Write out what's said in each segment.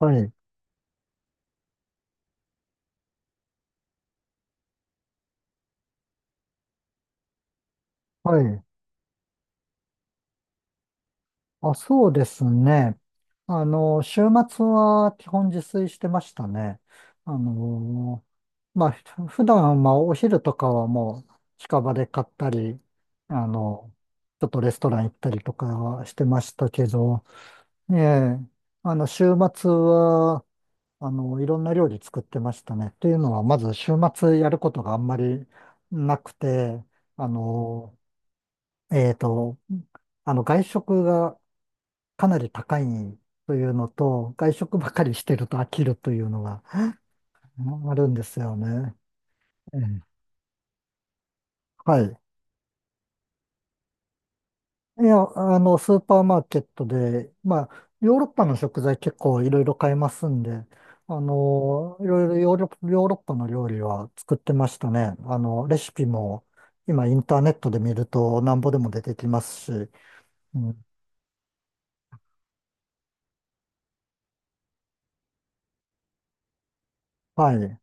はい、はい。あ、そうですね。週末は基本自炊してましたね。あの、まあ、普段はまあお昼とかはもう近場で買ったり、あの、ちょっとレストラン行ったりとかはしてましたけど、ええ、週末は、いろんな料理作ってましたね。というのは、まず週末やることがあんまりなくて、あの、えっと、外食がかなり高いというのと、外食ばかりしてると飽きるというのがうんあるんですよね。ええ、はい。いや、スーパーマーケットで、まあ、ヨーロッパの食材結構いろいろ買えますんで、いろいろヨーロッパの料理は作ってましたね。レシピも今インターネットで見るとなんぼでも出てきますし、うん、はい。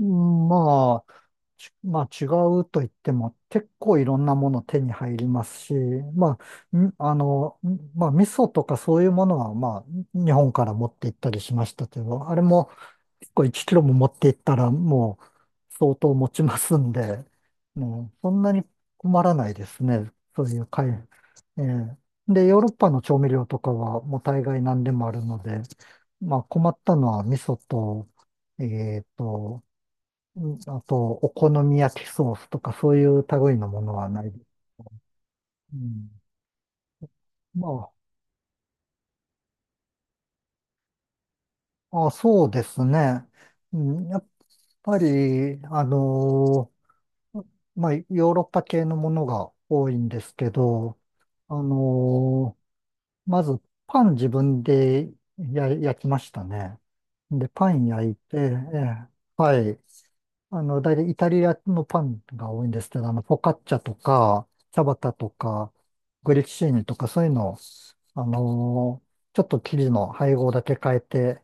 うん、まあ、まあ違うと言っても結構いろんなもの手に入りますし、まあ、まあ味噌とかそういうものはまあ日本から持って行ったりしましたけど、あれも結構1キロも持って行ったらもう相当持ちますんで、もうそんなに困らないですね。そういう買い、ええ、で、ヨーロッパの調味料とかはもう大概何でもあるので、まあ困ったのは味噌と、えっと、うん、あと、お好み焼きソースとかそういう類のものはない。うん、まあ、あ、そうですね。うん、やっぱり、ーまあ、ヨーロッパ系のものが多いんですけど、あのまず、パン自分で焼きましたね。で、パン焼いて、ええ、はい。大体イタリアのパンが多いんですけど、フォカッチャとか、チャバタとか、グリッシーニとか、そういうのを、ちょっと生地の配合だけ変えて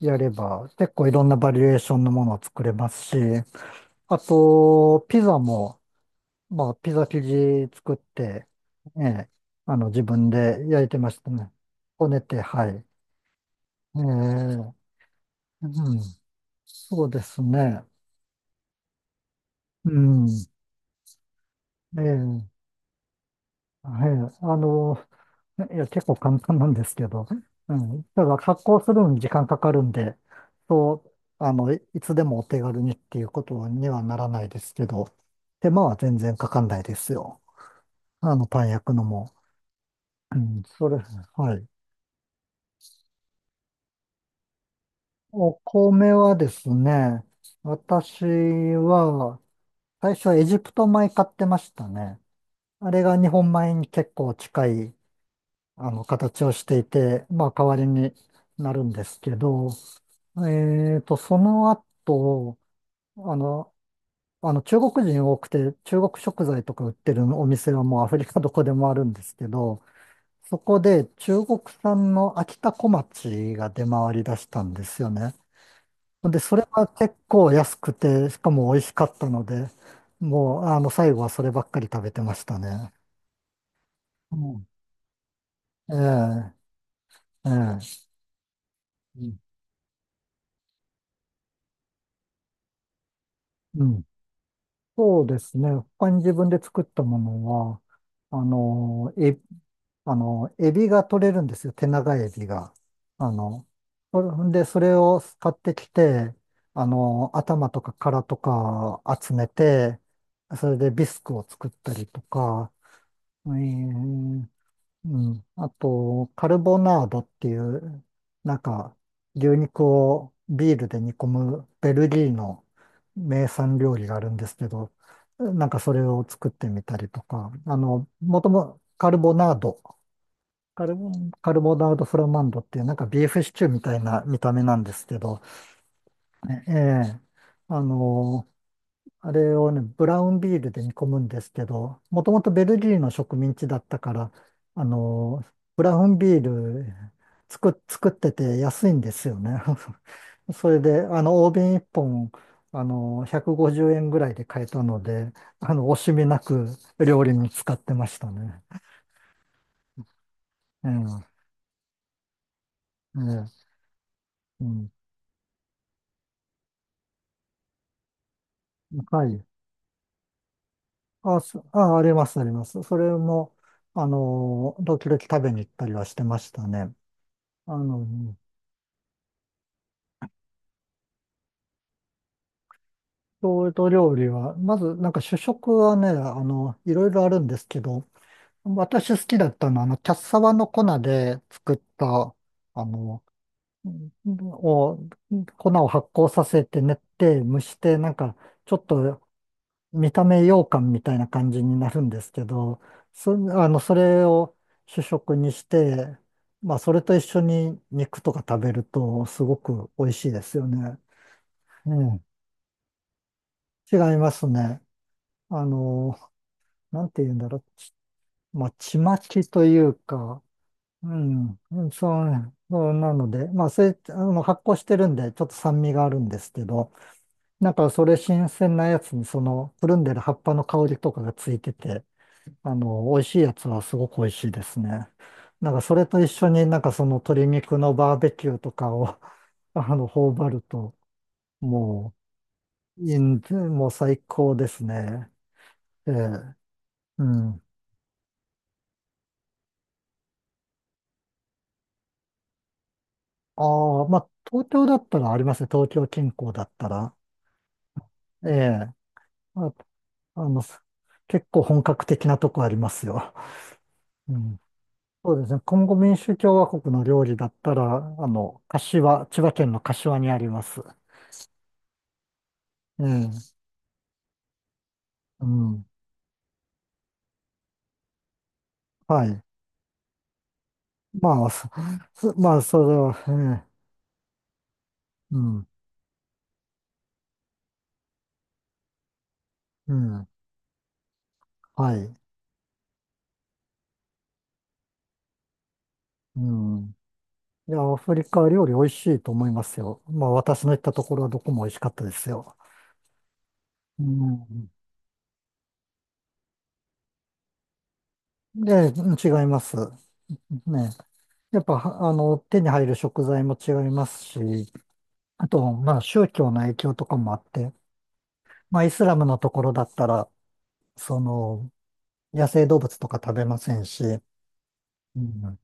やれば、結構いろんなバリエーションのものを作れますし、あと、ピザも、まあ、ピザ生地作って、ええ、自分で焼いてましたね。こねて、はい。ええ、うん、そうですね。うん、ええ、はい、いや、結構簡単なんですけど、うん、ただ発酵するのに時間かかるんで、そう、いつでもお手軽にっていうことにはならないですけど、手間は全然かかんないですよ。パン焼くのも。それ、はい。お米はですね、私は、最初はエジプト米買ってましたね。あれが日本米に結構近い、形をしていて、まあ、代わりになるんですけど、その後、あの、中国人多くて、中国食材とか売ってるお店はもうアフリカどこでもあるんですけど、そこで中国産の秋田小町が出回り出したんですよね。で、それは結構安くて、しかも美味しかったので、もう、最後はそればっかり食べてましたね。うん。ええ、ええ。うん。うん、そうですね。他に自分で作ったものは、あの、え、あの、エビが取れるんですよ。手長エビが。あの、それで、それを買ってきて、頭とか殻とか集めて、それでビスクを作ったりとか、ええ、うん。あと、カルボナードっていう、なんか、牛肉をビールで煮込むベルギーの名産料理があるんですけど、なんかそれを作ってみたりとか、あの、もともカルボナード、カルボ、カルボナードフラマンドっていう、なんかビーフシチューみたいな見た目なんですけど、ええ、あの、あれをね、ブラウンビールで煮込むんですけど、もともとベルギーの植民地だったから、あの、ブラウンビール作ってて安いんですよね。それで、大瓶1本、150円ぐらいで買えたので、惜しみなく料理に使ってましたね。ええ、ええ、うん。はい。あ、あります、あります。それも、時々食べに行ったりはしてましたね。あの、郷土料理は、まずなんか主食はね、いろいろあるんですけど、私好きだったのは、キャッサバの粉で作った、あの、んを、粉を発酵させて練って蒸して、なんか、ちょっと見た目羊羹みたいな感じになるんですけど、そ、あの、それを主食にして、まあ、それと一緒に肉とか食べると、すごく美味しいですよね。うん。違いますね。あの、なんて言うんだろう。まあ、ちまきというか、うん、うん、そうね、そうなので、まあ、それ、発酵してるんで、ちょっと酸味があるんですけど、なんかそれ新鮮なやつに、その、くるんでる葉っぱの香りとかがついてて、美味しいやつはすごく美味しいですね。なんかそれと一緒になんかその鶏肉のバーベキューとかを 頬張ると、もう、いいんもう最高ですね。ええ、うん。ああ、まあ、東京だったらありますね。東京近郊だったら。ええ。まあ、結構本格的なとこありますよ。うん。そうですね。コンゴ民主共和国の料理だったら、柏、千葉県の柏にあります。ええ。うん。はい。まあ、それは、ええ。うん。うん。はい。うん。いや、アフリカ料理美味しいと思いますよ。まあ、私の行ったところはどこも美味しかったですよ。うん。で、違います。ね、やっぱ、はあの、手に入る食材も違いますし、あと、まあ、宗教の影響とかもあって、まあ、イスラムのところだったら、その、野生動物とか食べませんし、うん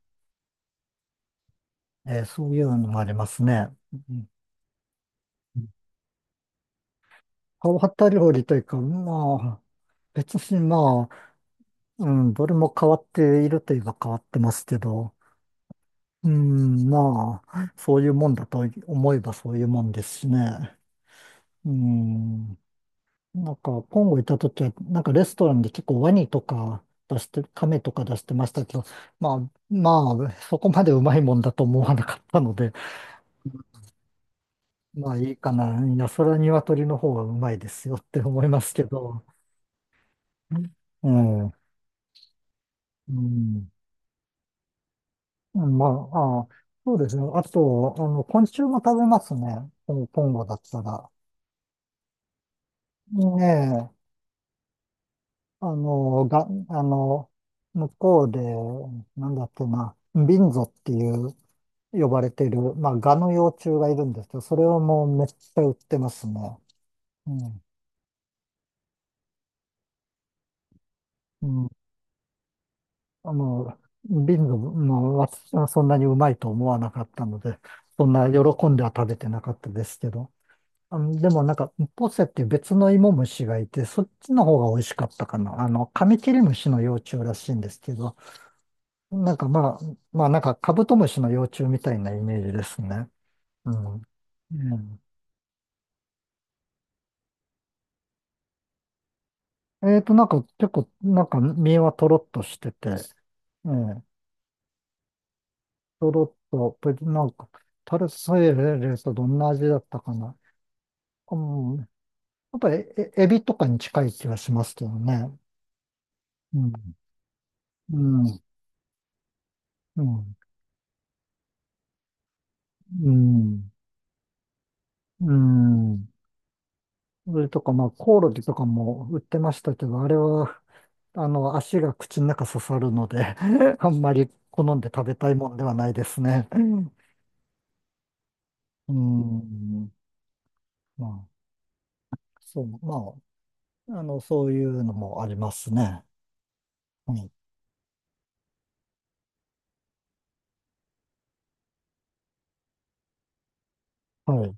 えーそういうのもありますね。うん、変わった料理というか、まあ、別にまあ、うん、どれも変わっているといえば変わってますけど、うん、まあ、そういうもんだと思えばそういうもんですしね。うん、なんか、コンゴ行った時は、なんかレストランで結構ワニとか出して、カメとか出してましたけど、まあ、まあ、そこまでうまいもんだと思わなかったので、まあいいかな。いや、それは鶏の方がうまいですよって思いますけど。うん。うん。まあ、あ、そうですね。あと、昆虫も食べますね。コンゴだったら。ねえ、あの、が、あの、向こうで、なんだっけな、ビンゾっていう、呼ばれている、まあ、ガの幼虫がいるんですけど、それをもうめっちゃ売ってますね。うん。うん。あの、もう私はそんなにうまいと思わなかったので、そんな喜んでは食べてなかったですけど。でもなんか、ポセっていう別の芋虫がいて、そっちの方が美味しかったかな。カミキリムシの幼虫らしいんですけど、なんかまあ、まあなんかカブトムシの幼虫みたいなイメージですね。うん。うん、なんか結構、なんか身はとろっとしてて、ええ、とろっと、なんか、タルソイレレスはどんな味だったかな。うん、やっぱりエビとかに近い気がしますけどね。うん、うん、うん、うん、うん。それとか、まあ、コオロギとかも売ってましたけど、あれは、足が口の中刺さるので あんまり好んで食べたいもんではないですね。うん、うん、まあ、そう、まあ、そういうのもありますね。うん、はい。